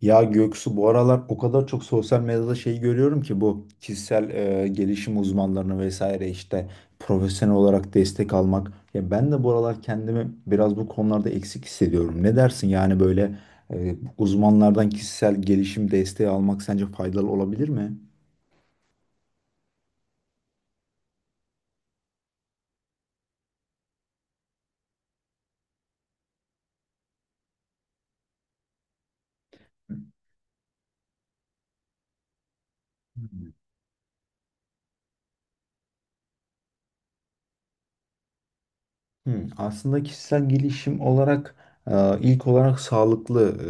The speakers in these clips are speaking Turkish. Ya Göksu, bu aralar o kadar çok sosyal medyada şey görüyorum ki bu kişisel gelişim uzmanlarını vesaire işte profesyonel olarak destek almak. Ya ben de bu aralar kendimi biraz bu konularda eksik hissediyorum. Ne dersin yani, böyle uzmanlardan kişisel gelişim desteği almak sence faydalı olabilir mi? Hmm, aslında kişisel gelişim olarak ilk olarak sağlıklı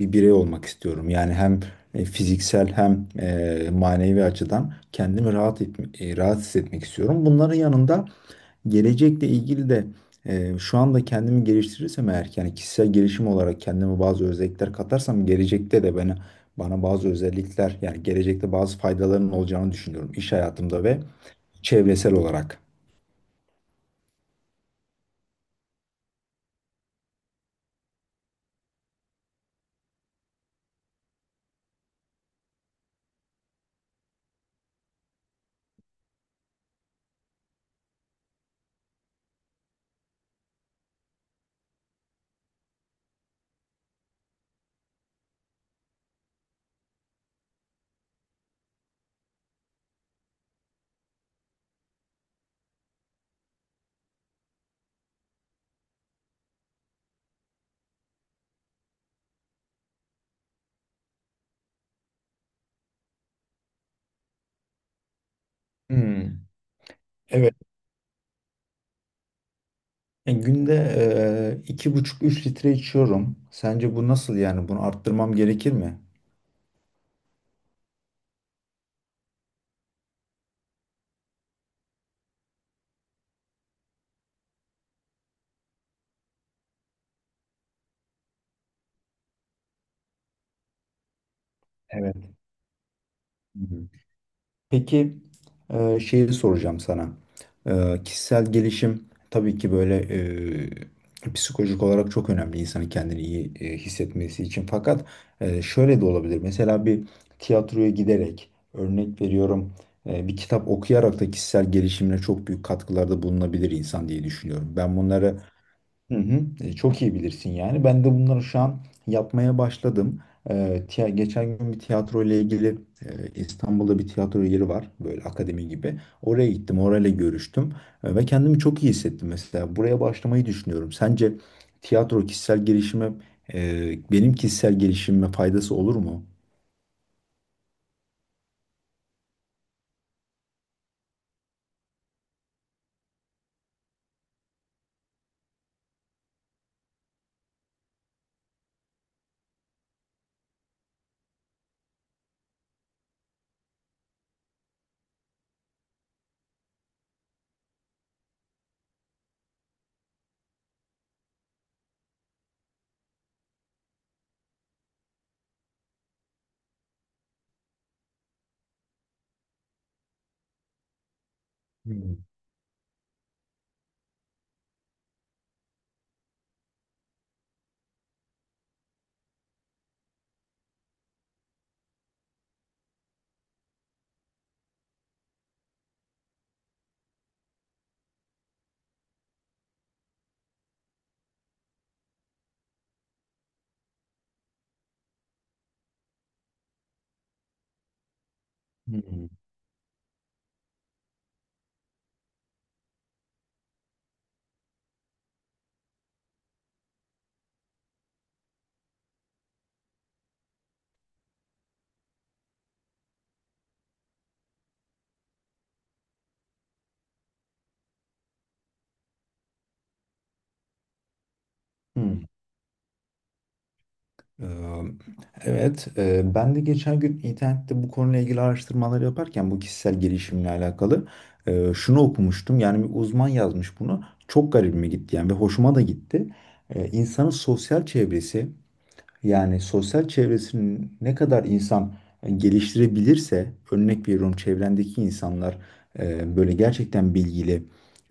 bir birey olmak istiyorum. Yani hem fiziksel hem manevi açıdan kendimi rahat hissetmek istiyorum. Bunların yanında gelecekle ilgili de şu anda kendimi geliştirirsem eğer, yani kişisel gelişim olarak kendime bazı özellikler katarsam gelecekte de bana bazı özellikler, yani gelecekte bazı faydaların olacağını düşünüyorum iş hayatımda ve çevresel olarak. Hmm. Evet. Yani günde 2,5-3 litre içiyorum. Sence bu nasıl yani? Bunu arttırmam gerekir mi? Evet. Hı hı. Peki şeyi soracağım sana. Kişisel gelişim tabii ki böyle psikolojik olarak çok önemli insanın kendini iyi hissetmesi için. Fakat şöyle de olabilir. Mesela bir tiyatroya giderek, örnek veriyorum, bir kitap okuyarak da kişisel gelişimine çok büyük katkılarda bulunabilir insan diye düşünüyorum. Ben bunları. Hı hı. Çok iyi bilirsin yani. Ben de bunları şu an yapmaya başladım. Geçen gün bir tiyatro ile ilgili, İstanbul'da bir tiyatro yeri var. Böyle akademi gibi. Oraya gittim, orayla görüştüm. Ve kendimi çok iyi hissettim mesela. Buraya başlamayı düşünüyorum. Sence tiyatro kişisel gelişime, benim kişisel gelişimime faydası olur mu? Hmm. Hı hı. Ee, Evet, ben de geçen gün internette bu konuyla ilgili araştırmalar yaparken bu kişisel gelişimle alakalı şunu okumuştum. Yani bir uzman yazmış bunu. Çok garibime gitti yani ve hoşuma da gitti. İnsanın sosyal çevresi, yani sosyal çevresini ne kadar insan geliştirebilirse, örnek veriyorum, çevrendeki insanlar böyle gerçekten bilgili,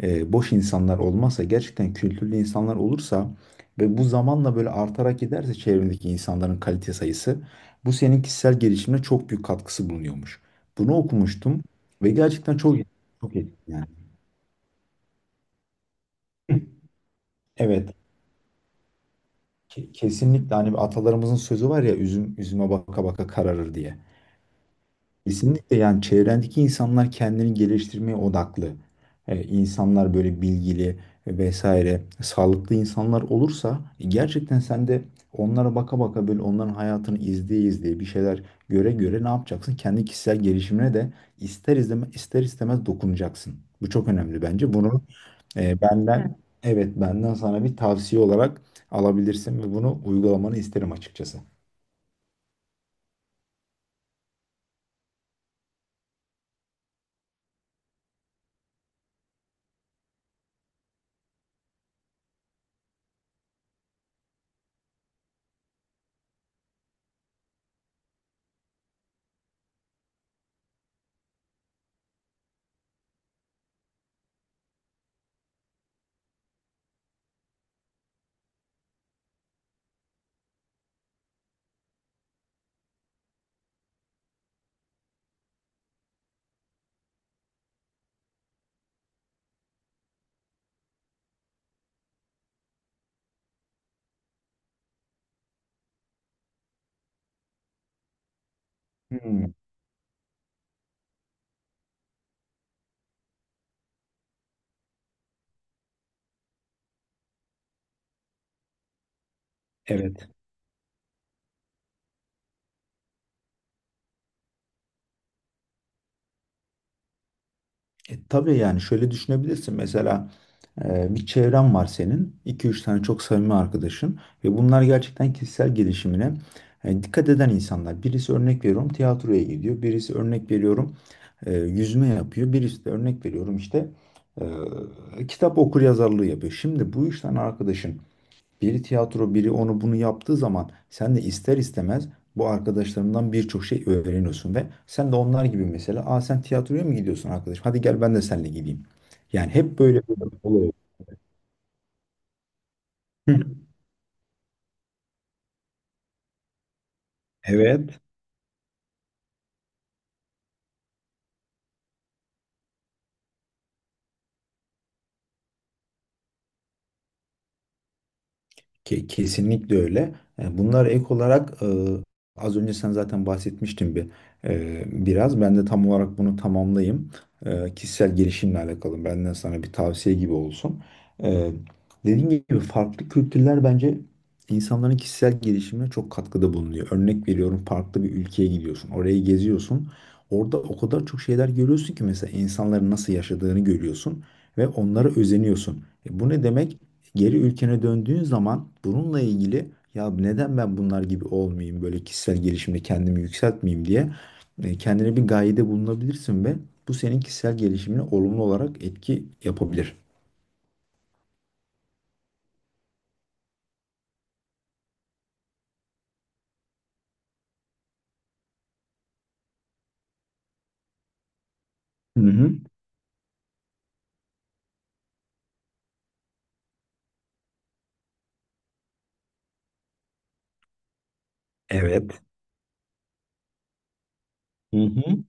boş insanlar olmazsa, gerçekten kültürlü insanlar olursa ve bu zamanla böyle artarak giderse çevrendeki insanların kalite sayısı, bu senin kişisel gelişimine çok büyük katkısı bulunuyormuş. Bunu okumuştum ve gerçekten çok çok etkili yani. Evet, kesinlikle, hani atalarımızın sözü var ya, üzüm üzüme baka baka kararır diye. Kesinlikle, yani çevrendeki insanlar kendini geliştirmeye odaklı. İnsanlar böyle bilgili vesaire sağlıklı insanlar olursa gerçekten sen de onlara baka baka, böyle onların hayatını izleye izleye bir şeyler göre göre ne yapacaksın? Kendi kişisel gelişimine de ister istemez dokunacaksın. Bu çok önemli bence. Bunu. E, Evet. benden evet benden sana bir tavsiye olarak alabilirsin ve bunu uygulamanı isterim açıkçası. Hmm, evet. Tabii yani, şöyle düşünebilirsin. Mesela bir çevren var senin. İki üç tane çok samimi arkadaşın. Ve bunlar gerçekten kişisel gelişimine dikkat eden insanlar. Birisi, örnek veriyorum, tiyatroya gidiyor. Birisi, örnek veriyorum, yüzme yapıyor. Birisi de, örnek veriyorum, işte kitap okur yazarlığı yapıyor. Şimdi bu üç tane arkadaşın biri tiyatro, biri onu bunu yaptığı zaman sen de ister istemez bu arkadaşlarından birçok şey öğreniyorsun ve sen de onlar gibi, mesela, aa, sen tiyatroya mı gidiyorsun arkadaşım? Hadi gel, ben de seninle gideyim. Yani hep böyle bir olay. Hı. Evet. Kesinlikle öyle. Bunlar ek olarak, az önce sen zaten bahsetmiştin bir biraz. Ben de tam olarak bunu tamamlayayım. Kişisel gelişimle alakalı benden sana bir tavsiye gibi olsun. E, Dediğim gibi, farklı kültürler bence insanların kişisel gelişimine çok katkıda bulunuyor. Örnek veriyorum, farklı bir ülkeye gidiyorsun, orayı geziyorsun. Orada o kadar çok şeyler görüyorsun ki, mesela, insanların nasıl yaşadığını görüyorsun ve onlara özeniyorsun. Bu ne demek? Geri ülkene döndüğün zaman bununla ilgili ya neden ben bunlar gibi olmayayım, böyle kişisel gelişimde kendimi yükseltmeyeyim diye kendine bir gayede bulunabilirsin ve bu senin kişisel gelişimine olumlu olarak etki yapabilir. Hı hı. Evet. Hı hı.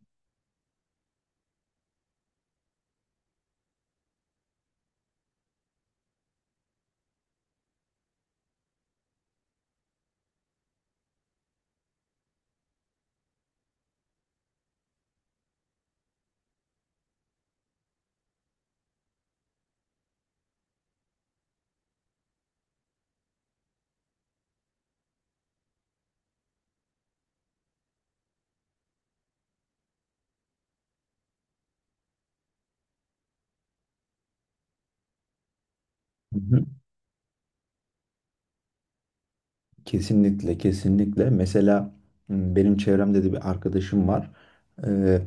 Hı hı. Kesinlikle, kesinlikle. Mesela benim çevremde de bir arkadaşım var. Ee,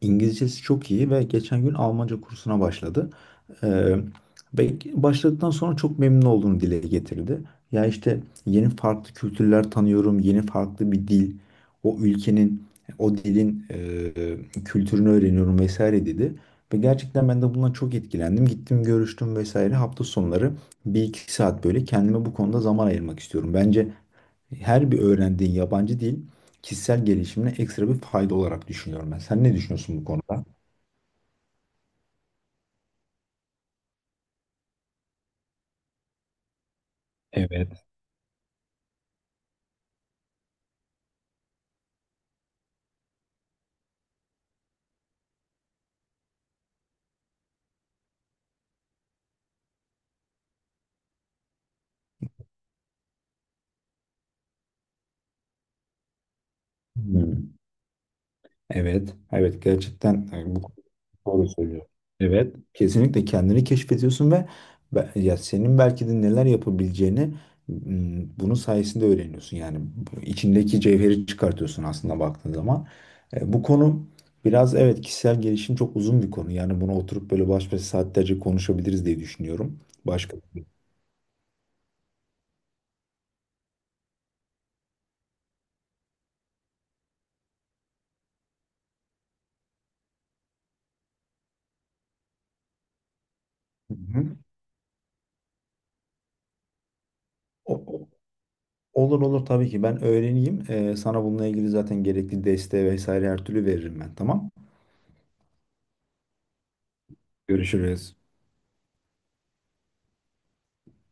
İngilizcesi çok iyi ve geçen gün Almanca kursuna başladı. Ee, ve başladıktan sonra çok memnun olduğunu dile getirdi. Ya işte, yeni farklı kültürler tanıyorum, yeni farklı bir dil, o ülkenin, o dilin kültürünü öğreniyorum vesaire dedi. Ve gerçekten ben de bundan çok etkilendim. Gittim, görüştüm vesaire. Hafta sonları 1-2 saat böyle kendime bu konuda zaman ayırmak istiyorum. Bence her bir öğrendiğin yabancı dil kişisel gelişimine ekstra bir fayda olarak düşünüyorum ben. Sen ne düşünüyorsun bu konuda? Evet. Hmm. Evet. Evet, gerçekten bu doğru söylüyor. Evet. Kesinlikle kendini keşfediyorsun ve ya senin belki de neler yapabileceğini bunun sayesinde öğreniyorsun. Yani bu içindeki cevheri çıkartıyorsun, aslında baktığın zaman. Bu konu biraz, evet, kişisel gelişim çok uzun bir konu. Yani bunu oturup böyle baş başa saatlerce konuşabiliriz diye düşünüyorum. Başka bir. Hı hı. o- o- Olur olur, tabii ki ben öğreneyim. Sana bununla ilgili zaten gerekli desteği vesaire her türlü veririm ben, tamam. Görüşürüz.